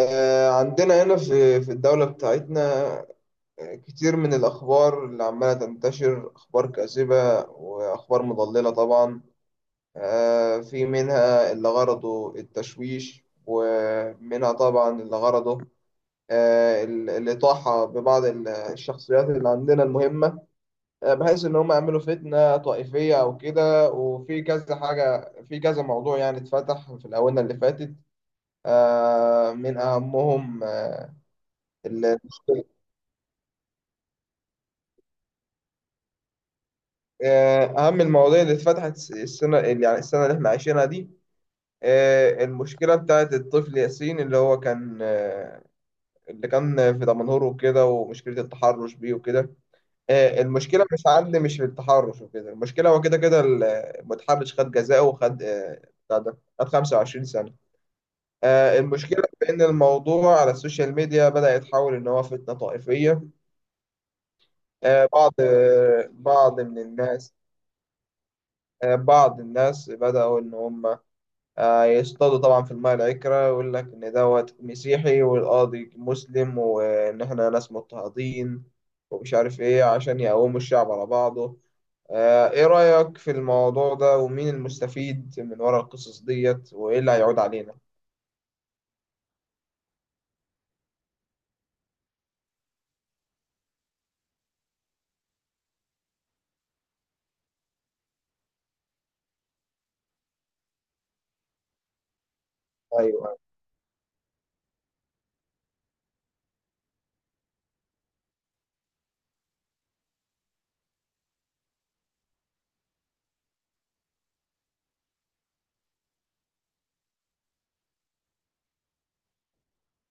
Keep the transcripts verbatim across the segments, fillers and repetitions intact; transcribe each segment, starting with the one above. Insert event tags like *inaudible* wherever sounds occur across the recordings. آه، عندنا هنا في في الدولة بتاعتنا. آه، كتير من الأخبار اللي عمالة تنتشر أخبار كاذبة وأخبار مضللة طبعا. آه، في منها اللي غرضه التشويش، ومنها طبعا اللي غرضه آه، ال- الإطاحة ببعض ال- الشخصيات اللي عندنا المهمة، آه، بحيث إن هم يعملوا فتنة طائفية أو كده، وفي كذا حاجة في كذا موضوع يعني اتفتح في الآونة اللي فاتت. آه، من أهمهم، آه، أهم المواضيع اللي اتفتحت السنة اللي- يعني السنة اللي احنا عايشينها دي، آه، المشكلة بتاعت الطفل ياسين، اللي هو كان آه، اللي كان في دمنهور وكده، ومشكلة التحرش بيه وكده. آه، المشكلة مش عند مش في التحرش وكده، المشكلة هو كده كده ال- المتحرش خد جزاءه، وخد آه، بتاع ده خد 25 سنة. آه، المشكلة في إن الموضوع على السوشيال ميديا بدأ يتحول إن هو فتنة طائفية. آه، بعض آه، بعض من الناس، آه، بعض الناس بدأوا إن هم آه، يصطادوا طبعا في الماء العكرة، ويقول لك إن دوت مسيحي والقاضي مسلم، وإن إحنا ناس مضطهدين ومش عارف إيه، عشان يقوموا الشعب على بعضه. آه، إيه رأيك في الموضوع ده، ومين المستفيد من ورا القصص ديت، وإيه اللي هيعود علينا؟ أيوه.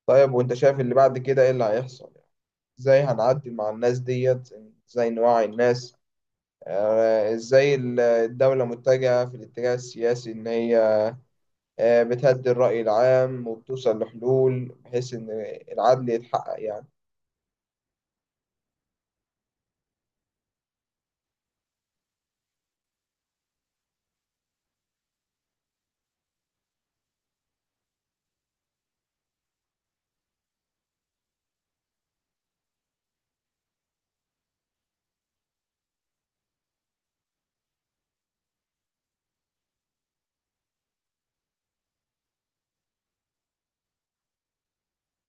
طيب، وأنت شايف اللي بعد كده إيه اللي هيحصل؟ يعني، إزاي هنعدي مع الناس ديت؟ إزاي نوعي الناس؟ آه، إزاي الدولة متجهة في الاتجاه السياسي، إن هي آه، بتهدي الرأي العام وبتوصل لحلول، بحيث إن العدل يتحقق يعني.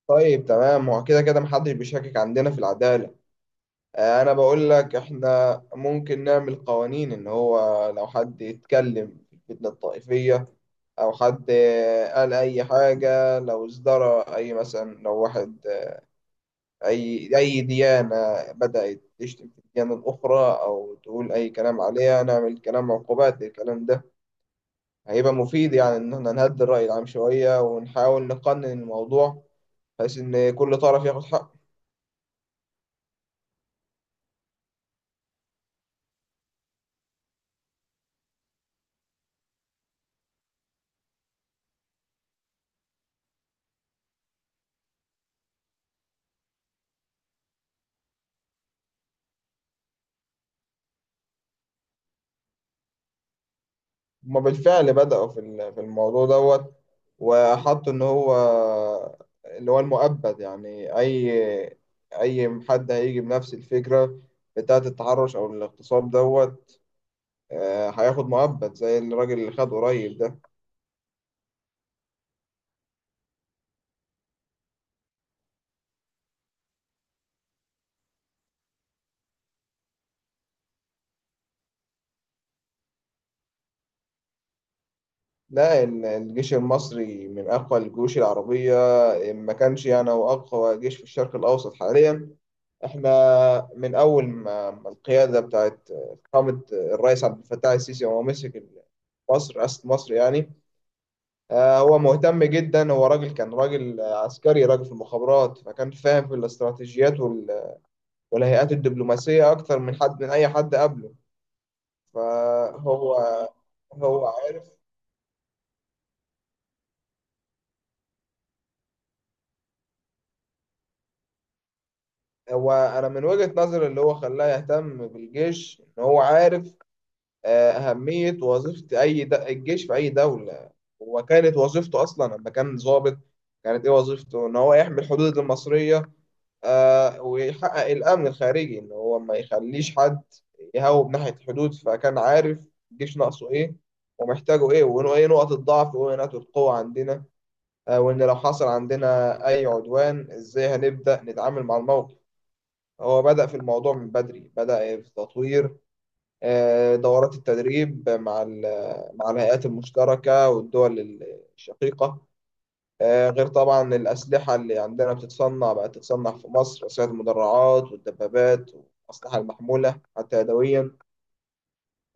طيب، تمام. هو كده كده محدش بيشكك عندنا في العدالة. آه، أنا بقول لك إحنا ممكن نعمل قوانين، إن هو لو حد يتكلم في الفتنة الطائفية، أو حد آه، قال أي حاجة، لو ازدرى، أي مثلا لو واحد آه، أي أي ديانة بدأت تشتم في الديانة الأخرى أو تقول أي كلام عليها، نعمل كلام عقوبات للكلام ده. هيبقى مفيد، يعني إن إحنا نهدي الرأي العام شوية ونحاول نقنن الموضوع، بحيث إن كل طرف ياخد حقه. هما بالفعل بدأوا في ال- في الموضوع دوت، وحطوا إن هو اللي هو المؤبد. يعني أي أي حد هيجي بنفس الفكرة بتاعة التحرش أو الاغتصاب دوت، آه، هياخد مؤبد زي الراجل اللي خد قريب ده. لا، ال- الجيش المصري من أقوى الجيوش العربية، إن ما كانش يعني هو أقوى جيش في الشرق الأوسط حاليا. احنا من اول ما ما القياده بتاعت قامت، الرئيس عبد الفتاح السيسي وهو مسك مصر، رئاسه مصر يعني، آه، هو مهتم جدا. هو راجل، كان راجل عسكري، راجل في المخابرات، فكان فاهم في الاستراتيجيات وال- والهيئات الدبلوماسيه، اكتر من حد من اي حد قبله. فهو هو عارف، هو انا من وجهه نظري اللي هو خلاه يهتم بالجيش، ان هو عارف آه، أهمية وظيفة أي د... الجيش في أي دولة. هو كانت وظيفته أصلا لما كان ضابط، كانت إيه وظيفته؟ إن هو يحمي الحدود المصرية، آه، ويحقق الأمن الخارجي، إن هو ما يخليش حد يهوب ناحية الحدود. فكان عارف الجيش ناقصه إيه ومحتاجه إيه، وإنه إيه نقط الضعف وإيه نقط القوة عندنا، آه، وإن لو حصل عندنا أي عدوان، إزاي هنبدأ نتعامل مع الموقف. هو بدأ في الموضوع من بدري، بدأ في تطوير آه، دورات التدريب مع ال- مع الهيئات المشتركة والدول الشقيقة، آه، غير طبعا الأسلحة اللي عندنا بتتصنع، بقت تتصنع في مصر أسلحة المدرعات والدبابات والأسلحة المحمولة حتى يدويا،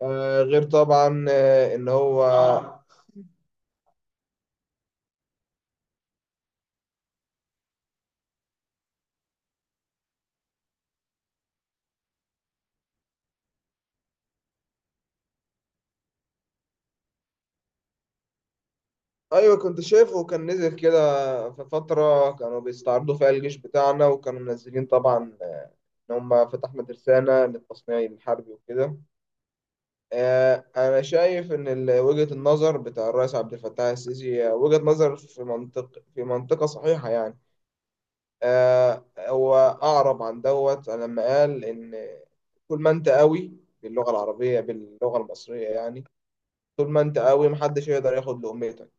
آه، غير طبعا آه، إن هو. أيوة، كنت شايفه، كان نزل كده في فترة كانوا بيستعرضوا فيها الجيش بتاعنا، وكانوا منزلين طبعا آه، إن هم فتحنا ترسانة للتصنيع الحربي وكده. آه، أنا شايف إن ال- وجهة النظر بتاع الرئيس عبد الفتاح السيسي آه، وجهة نظر في منطق في منطقة صحيحة يعني. آه، هو أعرب عن دوت لما قال إن، طول ما أنت قوي، باللغة العربية، باللغة المصرية يعني، طول ما أنت قوي محدش يقدر ياخد لقمتك.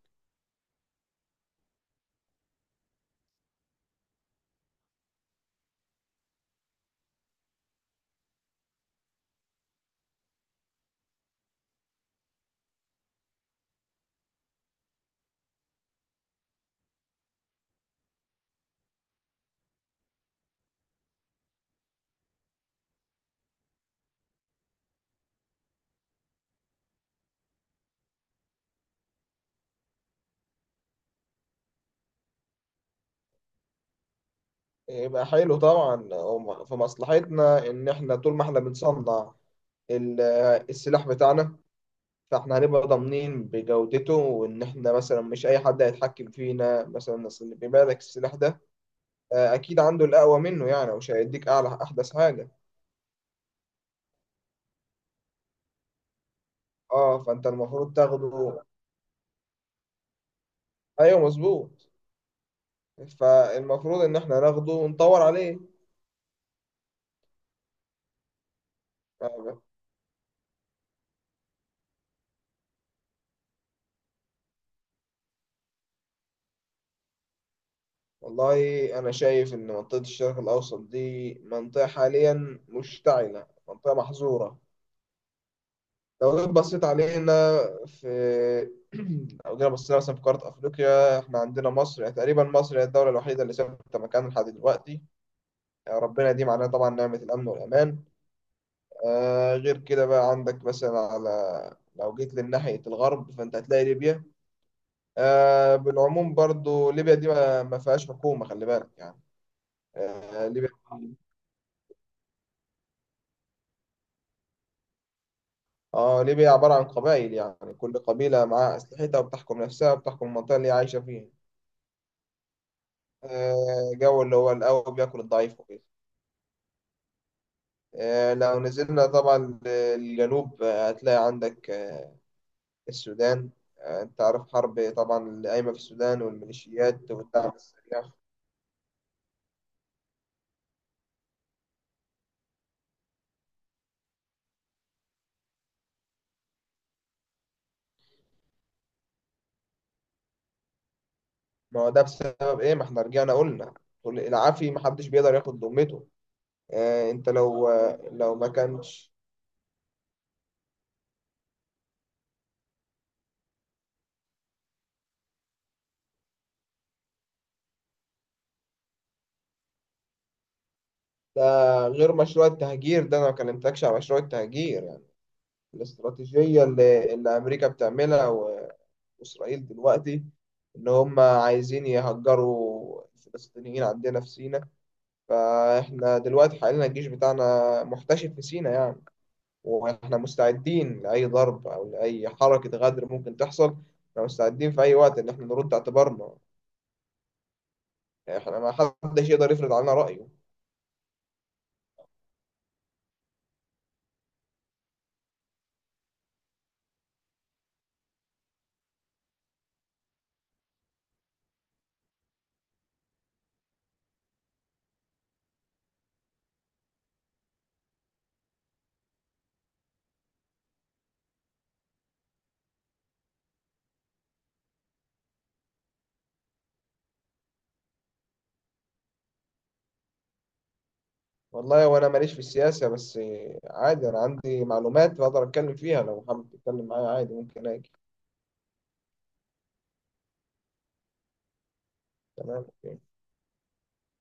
يبقى حلو طبعا، هو في مصلحتنا إن إحنا طول ما إحنا بنصنع ال- السلاح بتاعنا، فاحنا هنبقى ضامنين بجودته، وان احنا مثلا مش اي حد هيتحكم فينا مثلا. اصل اللي بيبيع لك السلاح ده آه، اكيد عنده الاقوى منه، يعني مش هيديك اعلى احدث حاجه. اه، فانت المفروض تاخده. ايوه، مظبوط. فالمفروض ان احنا ناخده ونطور عليه. آه، والله، انا شايف ان منطقه الشرق الاوسط دي منطقه حاليا مشتعله، منطقه محظوره. لو جيت بصيت علينا في *clears throat* لو جينا بصينا مثلا في قارة أفريقيا، إحنا عندنا مصر. يعني تقريبا مصر هي الدولة الوحيدة اللي ثابتة مكانها لحد دلوقتي، يعني ربنا يديم علينا طبعا نعمة الأمن والأمان. آه غير كده بقى، عندك مثلا، على لو جيت لناحية الغرب فأنت هتلاقي ليبيا. آه بالعموم برضو ليبيا دي ما ما فيهاش حكومة، خلي بالك يعني. آه ليبيا، اه، ليبيا عبارة عن قبائل. يعني كل قبيلة معاها أسلحتها وبتحكم نفسها وبتحكم المنطقة اللي هي عايشة فيها، آه، جو اللي هو القوي بياكل الضعيف وكده. آه، لو نزلنا طبعا للجنوب، آه، هتلاقي عندك آه، السودان. آه، انت عارف، حرب طبعا اللي قايمة في السودان، والميليشيات والدعم السريع. ما هو ده بسبب ايه؟ ما احنا رجعنا قلنا، كل- العافي ما حدش بيقدر ياخد ذمته. آه، انت لو آه، لو ما كانش ده، غير مشروع التهجير ده، انا ما كلمتكش على مشروع التهجير يعني، الاستراتيجية اللي, اللي امريكا بتعملها، إسرائيل دلوقتي، إن هم عايزين يهجروا الفلسطينيين عندنا في سيناء. فإحنا دلوقتي حاليا الجيش بتاعنا محتشد في سيناء يعني، وإحنا مستعدين لأي ضرب أو لأي حركة غدر ممكن تحصل. إحنا مستعدين في أي وقت إن إحنا نرد اعتبارنا. إحنا، ما حدش يقدر يفرض علينا رأيه. والله، وأنا ماليش في السياسة، بس عادي، أنا عندي معلومات بقدر أتكلم فيها، لو حابب تتكلم معايا عادي ممكن أجي. تمام، أوكي.